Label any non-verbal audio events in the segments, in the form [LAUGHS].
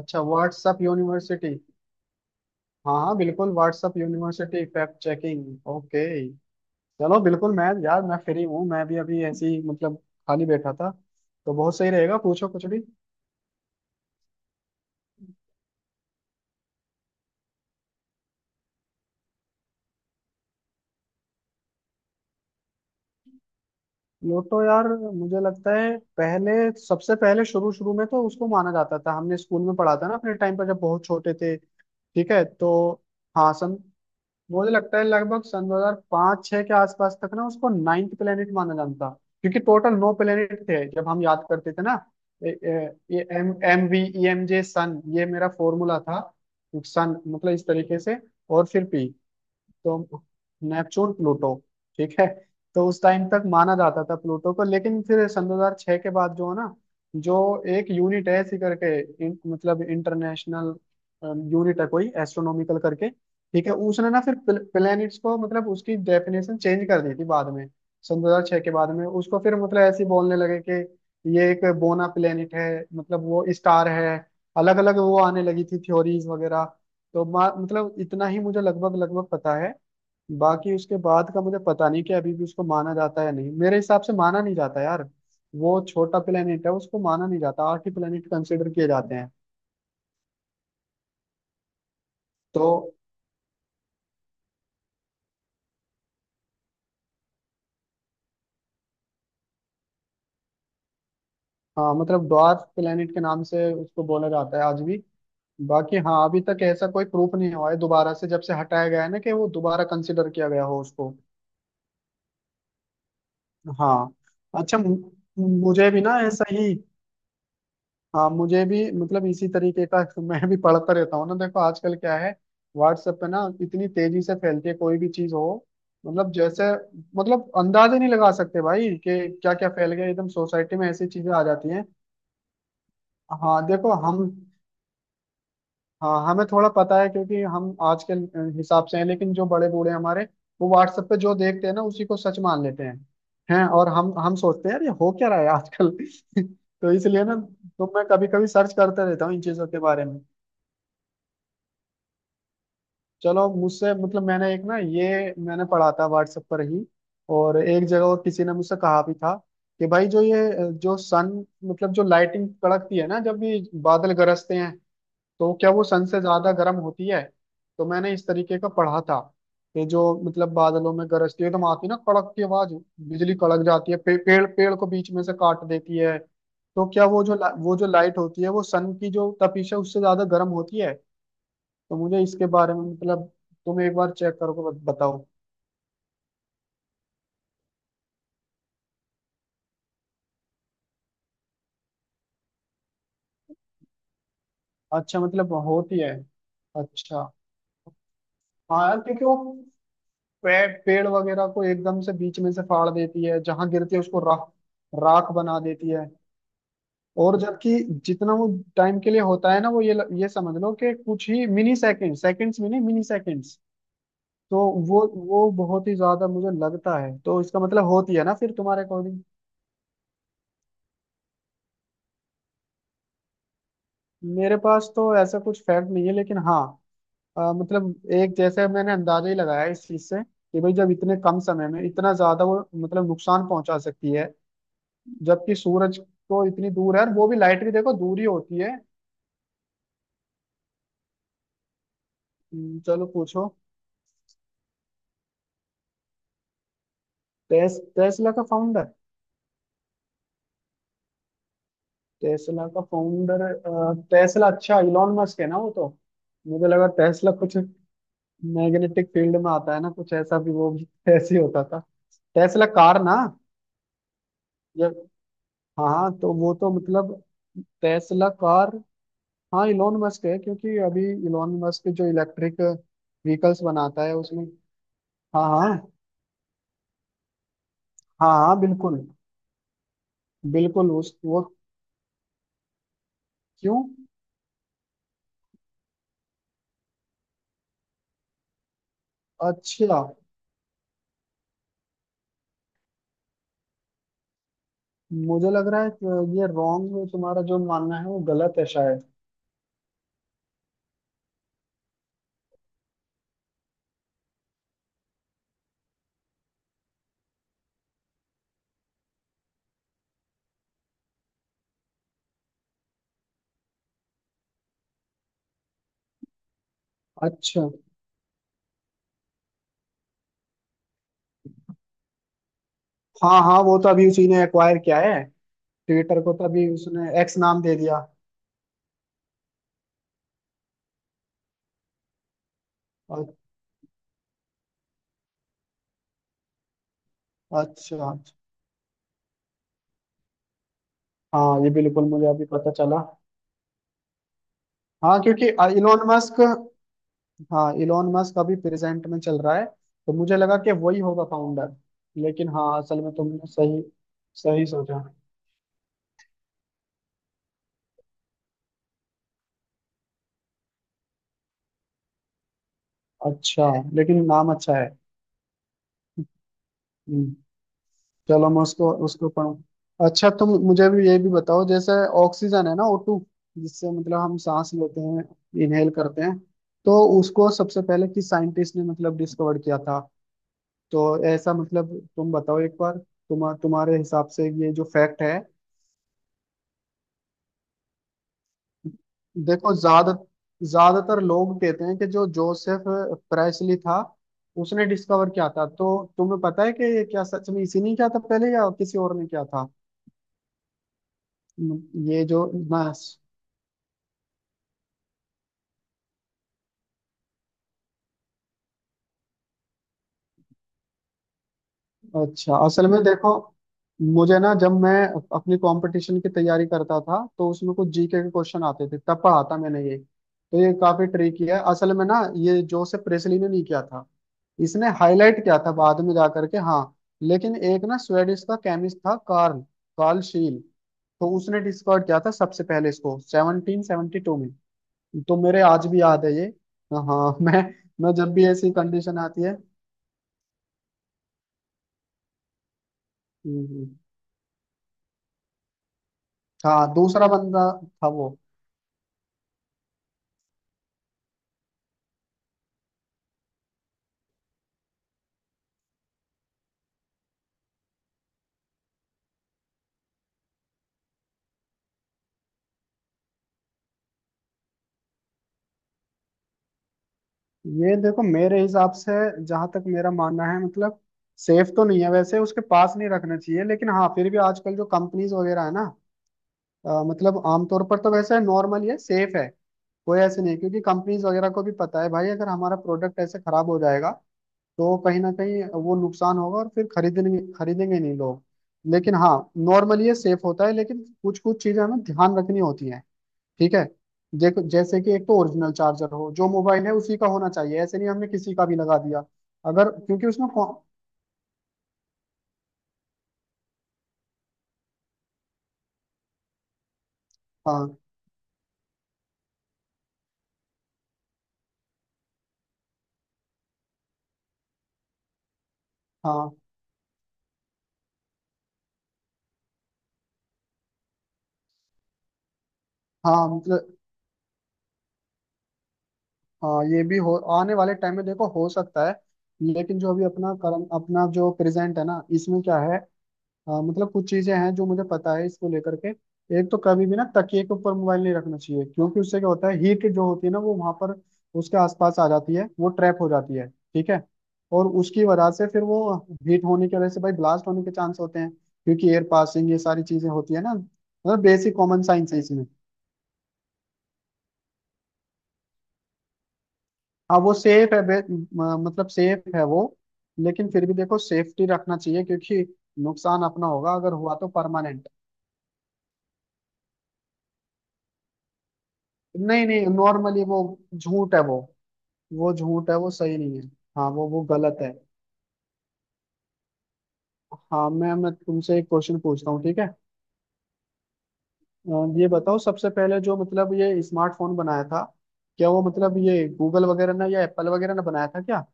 अच्छा WhatsApp university. हाँ हाँ बिल्कुल WhatsApp university fact checking. Okay. चलो बिल्कुल, मैं यार मैं फ्री हूँ, मैं भी अभी ऐसे ही मतलब खाली बैठा था, तो बहुत सही रहेगा, पूछो कुछ भी। लोटो यार, मुझे लगता है पहले, सबसे पहले शुरू शुरू में तो उसको माना जाता था, हमने स्कूल में पढ़ा था ना अपने टाइम पर जब बहुत छोटे थे, ठीक है, तो हाँ सन मुझे लगता है लगभग सन 2005 6 के आसपास तक ना उसको नाइन्थ प्लेनेट माना जाता, क्योंकि टोटल नौ प्लेनेट थे जब हम याद करते थे ना। ए- ए- ये M M V E M J sun, ये मेरा फॉर्मूला था। सन मतलब इस तरीके से, और फिर पी, तो नेपच्यून प्लूटो, ठीक है। तो उस टाइम तक माना जाता था प्लूटो को, लेकिन फिर सन 2006 के बाद जो है ना, जो एक यूनिट है ऐसी करके, मतलब इंटरनेशनल यूनिट है कोई एस्ट्रोनॉमिकल करके, ठीक है, उसने ना फिर प्लेनेट्स को मतलब उसकी डेफिनेशन चेंज कर दी थी बाद में। सन 2006 के बाद में उसको फिर मतलब ऐसे ही बोलने लगे कि ये एक बोना प्लेनेट है, मतलब वो स्टार है। अलग अलग वो आने लगी थी थ्योरीज वगैरह। तो मतलब इतना ही मुझे लगभग लगभग पता है। बाकी उसके बाद का मुझे पता नहीं कि अभी भी उसको माना जाता है या नहीं। मेरे हिसाब से माना नहीं जाता यार, वो छोटा प्लेनेट है, उसको माना नहीं जाता, आठ ही प्लेनेट कंसिडर किए जाते हैं। तो हाँ मतलब ड्वार्फ प्लेनेट के नाम से उसको बोला जाता है आज भी। बाकी हाँ अभी तक ऐसा कोई प्रूफ नहीं हुआ है दोबारा से जब से हटाया गया है ना कि वो दोबारा कंसिडर किया गया हो उसको। हाँ अच्छा, मुझे भी ना ऐसा ही। हाँ मुझे भी मतलब इसी तरीके का [LAUGHS] मैं भी पढ़ता रहता हूँ ना, देखो आजकल क्या है, व्हाट्सएप पे ना इतनी तेजी से फैलती है कोई भी चीज हो, मतलब जैसे मतलब अंदाजे नहीं लगा सकते भाई कि क्या क्या फैल गया, एकदम सोसाइटी में ऐसी चीजें आ जाती हैं। हाँ देखो हम, हाँ हमें थोड़ा पता है क्योंकि हम आज के हिसाब से हैं, लेकिन जो बड़े बूढ़े हमारे, वो व्हाट्सएप पे जो देखते हैं ना उसी को सच मान लेते हैं, और हम सोचते हैं यार ये हो क्या रहा है आजकल [LAUGHS] तो इसलिए ना, तो मैं कभी कभी सर्च करते रहता हूँ इन चीजों के बारे में। चलो मुझसे मतलब मैंने एक ना, ये मैंने पढ़ा था व्हाट्सएप पर ही और एक जगह, और किसी ने मुझसे कहा भी था कि भाई जो ये जो सन मतलब जो लाइटिंग कड़कती है ना जब भी बादल गरजते हैं, तो क्या वो सन से ज्यादा गर्म होती है। तो मैंने इस तरीके का पढ़ा था कि जो मतलब बादलों में गरजती है तो आती है ना कड़क की आवाज, बिजली कड़क जाती है, पेड़ पेड़ को बीच में से काट देती है, तो क्या वो जो वो जो लाइट होती है वो सन की जो तपिश है उससे ज्यादा गर्म होती है। तो मुझे इसके बारे में मतलब, तुम एक बार चेक करो बताओ। अच्छा मतलब होती है, अच्छा। हाँ यार क्योंकि वो, पेड़ वगैरह को एकदम से बीच में से फाड़ देती है, जहां गिरती है उसको राख, राख बना देती है, और जबकि जितना वो टाइम के लिए होता है ना वो, ये ये समझ लो कि कुछ ही मिनी सेकंड सेकंड्स में, नहीं मिनी सेकंड्स, तो वो बहुत ही ज्यादा मुझे लगता है, तो इसका मतलब होती है ना फिर तुम्हारे अकॉर्डिंग। मेरे पास तो ऐसा कुछ फैक्ट नहीं है लेकिन हाँ, मतलब एक जैसे मैंने अंदाजा ही लगाया इस चीज से कि भाई जब इतने कम समय में इतना ज्यादा वो मतलब नुकसान पहुंचा सकती है, जबकि सूरज तो इतनी दूर है, और वो भी लाइट भी देखो दूरी होती है। चलो पूछो। टेस्ला का फाउंडर, टेस्ला का फाउंडर, टेस्ला अच्छा इलॉन मस्क है ना वो तो। मुझे लगा टेस्ला कुछ मैग्नेटिक फील्ड में आता है ना कुछ ऐसा भी, वो भी [LAUGHS] ऐसे ही होता था टेस्ला कार ना, ये हाँ हाँ, तो वो तो मतलब टेस्ला कार हाँ इलोन मस्क है, क्योंकि अभी इलोन मस्क जो इलेक्ट्रिक व्हीकल्स बनाता है उसमें। हाँ हाँ हाँ हाँ बिल्कुल, बिल्कुल उस वो, क्यों? अच्छा, मुझे लग रहा है कि ये रॉन्ग, तुम्हारा जो मानना है वो गलत है शायद। अच्छा। हाँ हाँ, वो तो अभी उसी ने एक्वायर किया है। ट्विटर को तो अभी उसने एक्स नाम दे दिया। अ- अच्छा अच्छा, हाँ ये बिल्कुल मुझे अभी पता चला। हाँ क्योंकि इलोन मस्क, हाँ इलोन मस्क अभी प्रेजेंट में चल रहा है तो मुझे लगा कि वही होगा फाउंडर। लेकिन हाँ असल में तुमने सही, सही सोचा। अच्छा, लेकिन नाम अच्छा है। हम्म, चलो मैं उसको उसको पढ़ूँ। अच्छा तुम मुझे भी ये भी बताओ, जैसे ऑक्सीजन है ना O2, जिससे मतलब हम सांस लेते हैं, इनहेल करते हैं, तो उसको सबसे पहले किस साइंटिस्ट ने मतलब डिस्कवर किया था, तो ऐसा मतलब तुम बताओ एक बार, तुम्हारे हिसाब से ये जो फैक्ट है। देखो ज्यादातर लोग कहते हैं कि जो जोसेफ प्रेसली था उसने डिस्कवर किया था, तो तुम्हें पता है कि ये क्या सच में इसी ने किया था पहले या किसी और ने किया था? ये जो, अच्छा असल में देखो, मुझे ना जब मैं अपनी कंपटीशन की तैयारी करता था तो उसमें कुछ जीके के क्वेश्चन आते थे, तब पढ़ा था मैंने ये, तो ये काफी ट्रिकी है असल में ना, ये जोसेफ प्रेसली ने नहीं किया था। इसने हाईलाइट किया था बाद में जा करके, हाँ, लेकिन एक ना स्वेडिश का केमिस्ट था कार्ल, कार्ल शील, तो उसने डिस्कवर किया था सबसे पहले इसको 1772 में, तो मेरे आज भी याद है ये। हाँ मैं जब भी ऐसी कंडीशन आती है। हम्म, हम्म। हाँ दूसरा बंदा था वो। ये देखो मेरे हिसाब से, जहां तक मेरा मानना है मतलब, सेफ तो नहीं है वैसे उसके पास नहीं रखना चाहिए, लेकिन हाँ फिर भी आजकल जो कंपनीज वगैरह है ना, मतलब आमतौर पर तो वैसे नॉर्मल है, सेफ है, कोई ऐसे नहीं है, क्योंकि कंपनीज वगैरह को भी पता है भाई अगर हमारा प्रोडक्ट ऐसे खराब हो जाएगा तो कहीं ना कहीं वो नुकसान होगा, और फिर खरीदेंगे खरीदेंगे नहीं लोग। लेकिन हाँ नॉर्मल ये सेफ होता है, लेकिन कुछ कुछ चीजें हमें ध्यान रखनी होती हैं, ठीक है। देखो जैसे कि एक तो ओरिजिनल चार्जर हो जो मोबाइल है उसी का होना चाहिए, ऐसे नहीं हमने किसी का भी लगा दिया, अगर क्योंकि उसमें हाँ हाँ हाँ मतलब, हाँ ये भी हो आने वाले टाइम में देखो हो सकता है, लेकिन जो अभी अपना करंट, अपना जो प्रेजेंट है ना इसमें क्या है, हाँ मतलब कुछ चीजें हैं जो मुझे पता है इसको लेकर के। एक तो कभी भी ना तकिए के ऊपर मोबाइल नहीं रखना चाहिए, क्योंकि उससे क्या होता है, हीट जो होती है ना वो वहां पर उसके आसपास आ जाती है, वो ट्रैप हो जाती है, ठीक है, और उसकी वजह से फिर वो हीट होने की वजह से भाई ब्लास्ट होने के चांस होते हैं, क्योंकि एयर पासिंग ये सारी चीजें होती है ना, मतलब बेसिक कॉमन साइंस है इसमें। हाँ वो सेफ है, मतलब सेफ है वो, लेकिन फिर भी देखो सेफ्टी रखना चाहिए क्योंकि नुकसान अपना होगा अगर हुआ तो परमानेंट। नहीं नहीं, नॉर्मली वो झूठ है वो झूठ है, वो सही नहीं है। हाँ वो गलत है। हाँ मैं तुमसे एक क्वेश्चन पूछता हूँ, ठीक है। अ, ये बताओ सबसे पहले जो मतलब ये स्मार्टफोन बनाया था, क्या वो मतलब ये गूगल वगैरह ने या एप्पल वगैरह ने बनाया था क्या?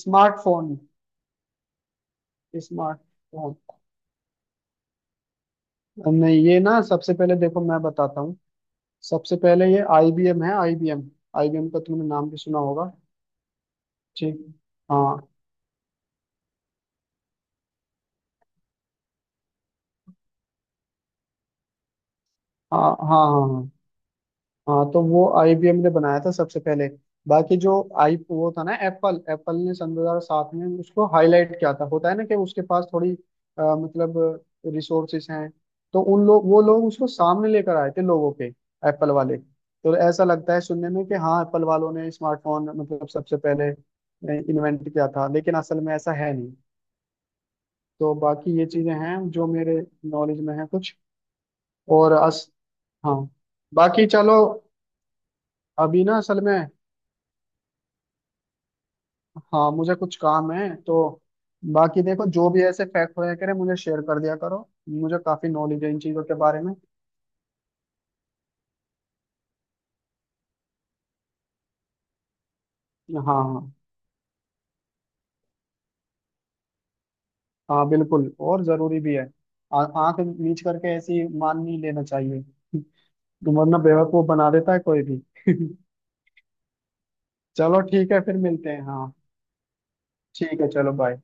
स्मार्टफोन, स्मार्टफोन नहीं, ये ना सबसे पहले देखो मैं बताता हूँ, सबसे पहले ये आईबीएम है, आईबीएम, आईबीएम का तुमने नाम भी सुना होगा, ठीक। हाँ हाँ हाँ हाँ, हाँ हाँ तो वो आईबीएम ने बनाया था सबसे पहले। बाकी जो आई, वो था ना एप्पल, एप्पल ने सन 2007 में उसको हाईलाइट किया था, होता है ना कि उसके पास थोड़ी मतलब रिसोर्सेस हैं, तो उन लोग वो लोग उसको सामने लेकर आए थे लोगों के। एप्पल वाले तो ऐसा लगता है सुनने में कि हाँ एप्पल वालों ने स्मार्टफोन मतलब सबसे पहले इन्वेंट किया था, लेकिन असल में ऐसा है नहीं। तो बाकी ये चीजें हैं जो मेरे नॉलेज में है कुछ, और अस, हाँ बाकी चलो। अभी ना असल में, हाँ मुझे कुछ काम है तो, बाकी देखो जो भी ऐसे फैक्ट होया करे मुझे शेयर कर दिया करो, मुझे काफी नॉलेज है इन चीजों के बारे में। हाँ हाँ, हाँ बिल्कुल और जरूरी भी है, आंख नीच करके ऐसी मान नहीं लेना चाहिए, वरना बेवकूफ बना देता है कोई भी [LAUGHS] चलो ठीक है फिर मिलते हैं हाँ, ठीक है चलो बाय।